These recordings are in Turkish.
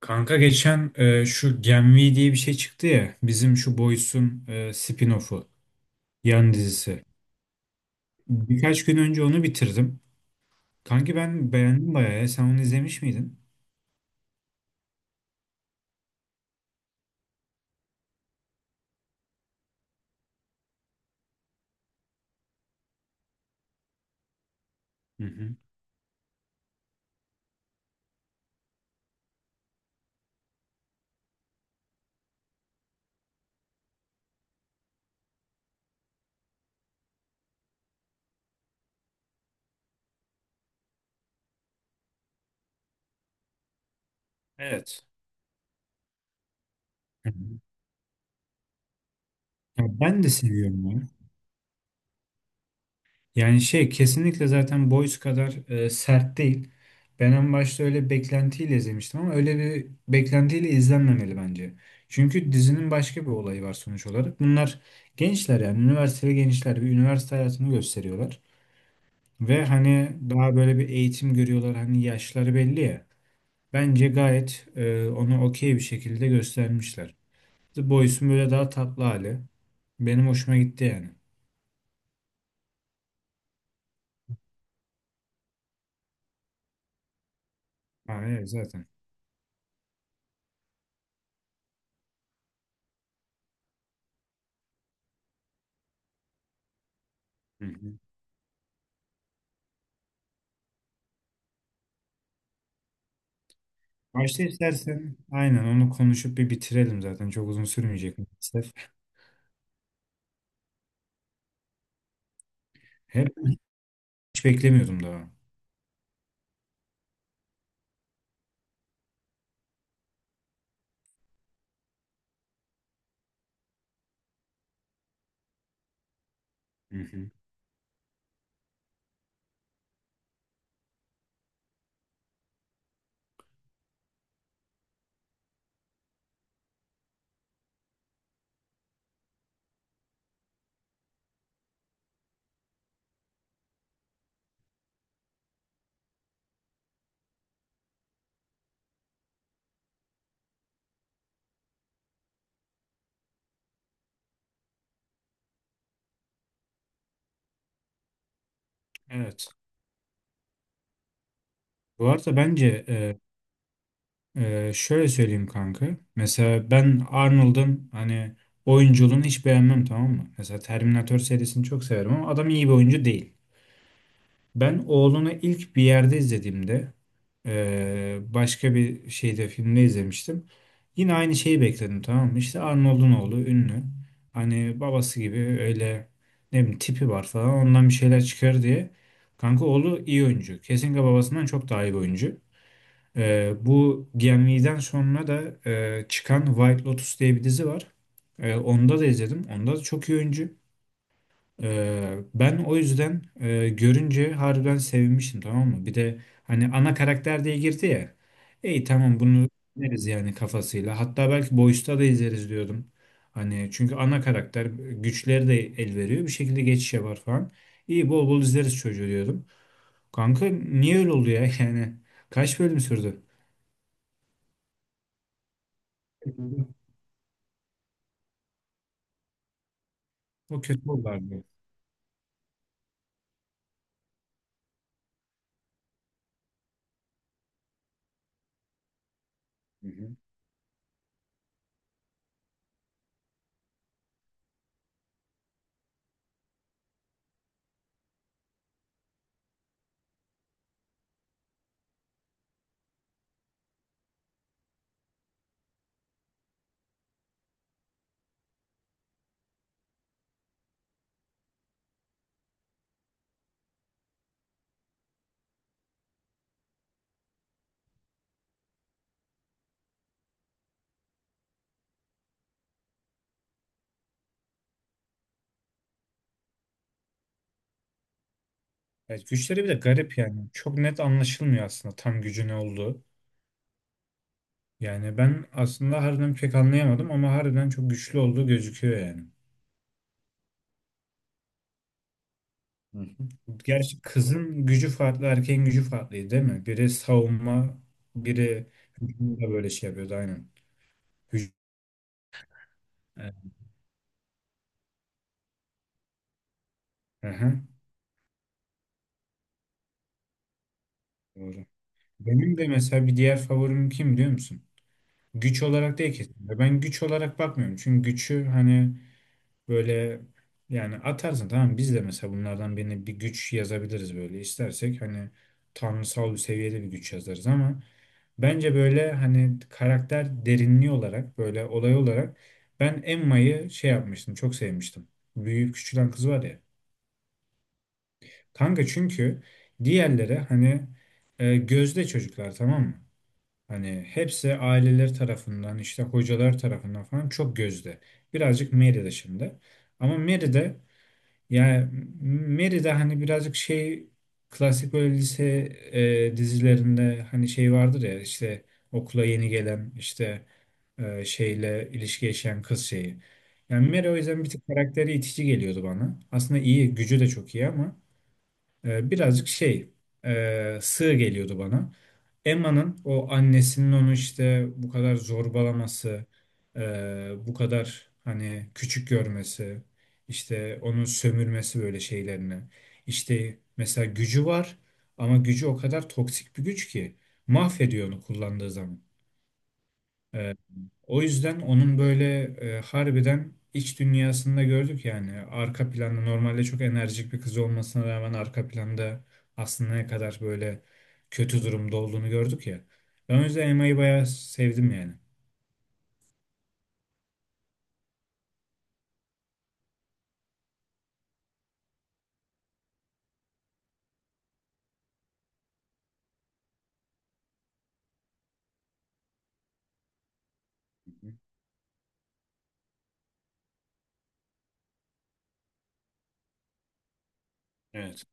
Kanka geçen şu Gen V diye bir şey çıktı ya. Bizim şu Boys'un spin-off'u, yan dizisi. Birkaç gün önce onu bitirdim. Kanki ben beğendim bayağı ya. Sen onu izlemiş miydin? Hı hı. Evet. Hı hı. Ya ben de seviyorum ya. Yani şey kesinlikle zaten Boys kadar sert değil. Ben en başta öyle beklentiyle izlemiştim ama öyle bir beklentiyle izlenmemeli bence. Çünkü dizinin başka bir olayı var sonuç olarak. Bunlar gençler, yani üniversiteli gençler bir üniversite hayatını gösteriyorlar. Ve hani daha böyle bir eğitim görüyorlar, hani yaşları belli ya. Bence gayet onu okey bir şekilde göstermişler. The Boys'un böyle daha tatlı hali benim hoşuma gitti yani. Ha, evet zaten. Hı. Başta istersen aynen onu konuşup bir bitirelim zaten. Çok uzun sürmeyecek maalesef. Hep hiç beklemiyordum daha. Hı hı. Evet. Bu arada bence şöyle söyleyeyim kanka. Mesela ben Arnold'un hani oyunculuğunu hiç beğenmem, tamam mı? Mesela Terminator serisini çok severim ama adam iyi bir oyuncu değil. Ben Oğlun'u ilk bir yerde izlediğimde, başka bir şeyde, filmde izlemiştim. Yine aynı şeyi bekledim, tamam mı? İşte Arnold'un oğlu ünlü. Hani babası gibi öyle, ne bileyim, tipi var falan, ondan bir şeyler çıkar diye. Kanka oğlu iyi oyuncu. Kesinlikle babasından çok daha iyi bir oyuncu. Bu Gemli'den sonra da çıkan White Lotus diye bir dizi var. Onda da izledim. Onda da çok iyi oyuncu. Ben o yüzden görünce harbiden sevinmiştim, tamam mı? Bir de hani ana karakter diye girdi ya. İyi, tamam, bunu izleriz yani kafasıyla. Hatta belki Boys'ta da izleriz diyordum. Hani çünkü ana karakter, güçleri de el veriyor. Bir şekilde geçiş yapar falan. İyi, bol bol izleriz çocuğu diyordum. Kanka niye öyle oldu ya yani? Kaç bölüm sürdü? O kötü oldu abi. Hı hı. Evet, güçleri bir de garip yani. Çok net anlaşılmıyor aslında tam gücü ne olduğu. Yani ben aslında harbiden pek anlayamadım ama harbiden çok güçlü olduğu gözüküyor yani. Hı hı. Gerçi kızın gücü farklı, erkeğin gücü farklıydı değil mi? Biri savunma, biri hücumda böyle şey yapıyordu, aynen. Hücum. Evet. Aha, doğru. Benim de mesela bir diğer favorim kim biliyor musun? Güç olarak değil kesinlikle. Ben güç olarak bakmıyorum. Çünkü gücü hani böyle, yani atarsın, tamam, biz de mesela bunlardan birine bir güç yazabiliriz böyle istersek, hani tanrısal bir seviyede bir güç yazarız ama bence böyle hani karakter derinliği olarak, böyle olay olarak, ben Emma'yı şey yapmıştım, çok sevmiştim. Büyüyüp küçülen kız var ya. Kanka çünkü diğerleri hani gözde çocuklar, tamam mı? Hani hepsi aileleri tarafından, işte hocalar tarafından falan çok gözde. Birazcık Mary de şimdi. Ama Mary de, yani Mary de hani birazcık şey, klasik böyle lise dizilerinde hani şey vardır ya, işte okula yeni gelen, işte şeyle ilişki yaşayan kız şeyi. Yani Mary o yüzden bir tık karakteri itici geliyordu bana. Aslında iyi, gücü de çok iyi ama birazcık şey, sığ geliyordu bana. Emma'nın o annesinin onu işte bu kadar zorbalaması, e, bu kadar hani küçük görmesi, işte onu sömürmesi, böyle şeylerini. İşte mesela gücü var ama gücü o kadar toksik bir güç ki mahvediyor onu kullandığı zaman. Ee, o yüzden onun böyle harbiden iç dünyasında gördük, yani arka planda normalde çok enerjik bir kız olmasına rağmen, arka planda aslında ne kadar böyle kötü durumda olduğunu gördük ya. Ben o yüzden Emma'yı bayağı sevdim yani. Evet.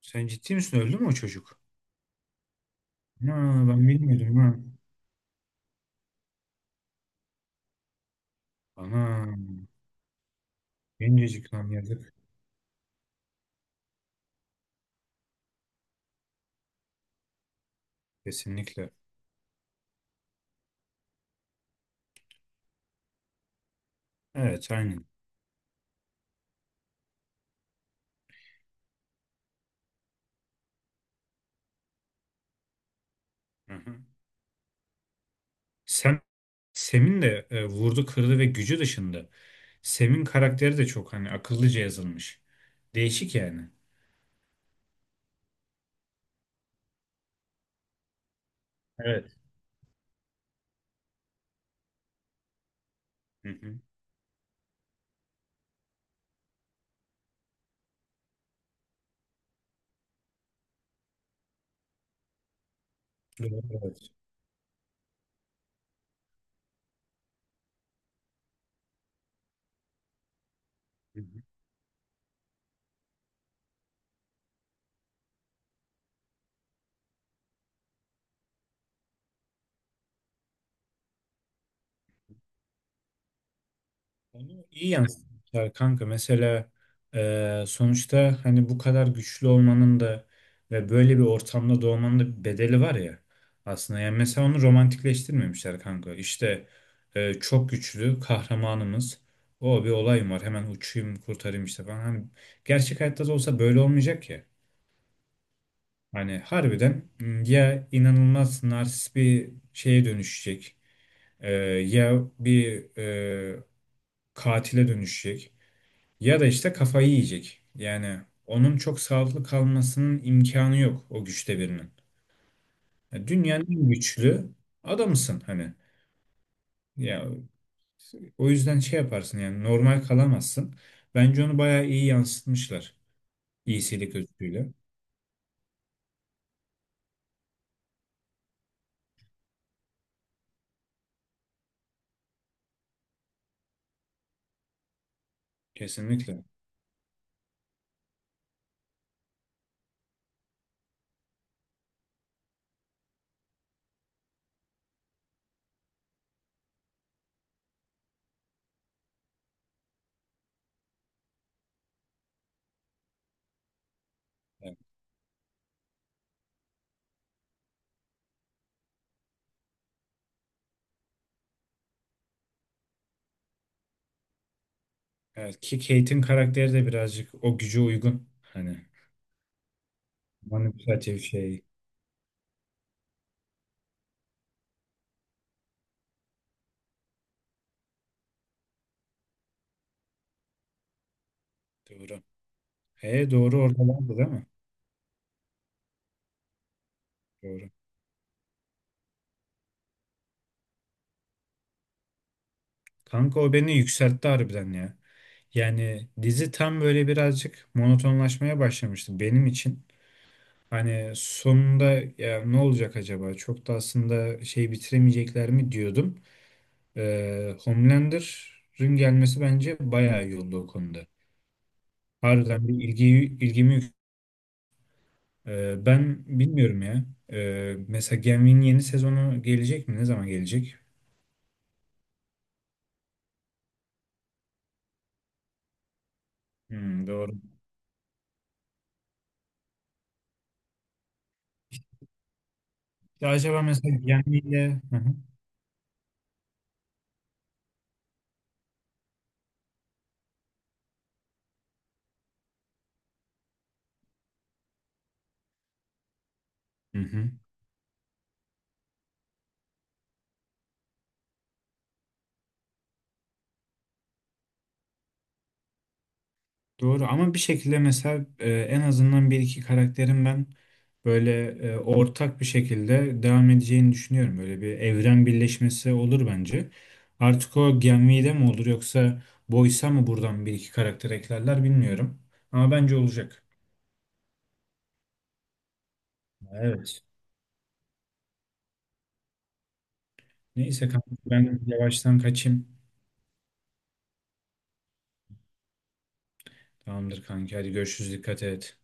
Sen ciddi misin? Öldü mü o çocuk? Ana, ben bilmiyordum ha. Ana gencecik lan, yazık. Kesinlikle. Evet, aynen. Hı hı. Sen Sem'in de vurdu kırdı ve gücü dışında Sem'in karakteri de çok hani akıllıca yazılmış. Değişik yani. Evet. Hı hı. Doğru, evet. Hı hı. Onu iyi yansıtmışlar kanka. Mesela sonuçta hani bu kadar güçlü olmanın da ve böyle bir ortamda doğmanın da bir bedeli var ya aslında. Yani mesela onu romantikleştirmemişler kanka. İşte çok güçlü kahramanımız. O bir olayım var. Hemen uçayım, kurtarayım işte falan. Hani gerçek hayatta da olsa böyle olmayacak ya. Hani harbiden ya inanılmaz narsist bir şeye dönüşecek, ya bir, katile dönüşecek ya da işte kafayı yiyecek. Yani onun çok sağlıklı kalmasının imkanı yok, o güçte birinin. Ya, dünyanın en güçlü adamısın hani. Ya o yüzden şey yaparsın yani, normal kalamazsın. Bence onu bayağı iyi yansıtmışlar iyisilik özgüyle. Kesinlikle. Yani, evet, ki Kate'in karakteri de birazcık o güce uygun. Hani manipülatif şey. Doğru. Doğru oradalardı değil mi? Doğru. Kanka o beni yükseltti harbiden ya. Yani dizi tam böyle birazcık monotonlaşmaya başlamıştı benim için. Hani sonunda, ya ne olacak acaba? Çok da aslında şey, bitiremeyecekler mi diyordum. Homelander'ın gelmesi bence bayağı iyi oldu o konuda. Harbiden bir ilgimi yük-. Ben bilmiyorum ya. Mesela Gen V'nin yeni sezonu gelecek mi? Ne zaman gelecek? Hmm, doğru. Ya acaba mesela gemiyle. Hı hı. Hı hı. Doğru ama bir şekilde mesela en azından bir iki karakterin ben böyle ortak bir şekilde devam edeceğini düşünüyorum. Böyle bir evren birleşmesi olur bence. Artık o Genvi'de mi olur yoksa Boysa mı, buradan bir iki karakter eklerler bilmiyorum. Ama bence olacak. Evet. Neyse kanka, ben yavaştan kaçayım. Tamamdır kanka, hadi görüşürüz, dikkat et.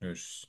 Görüşürüz.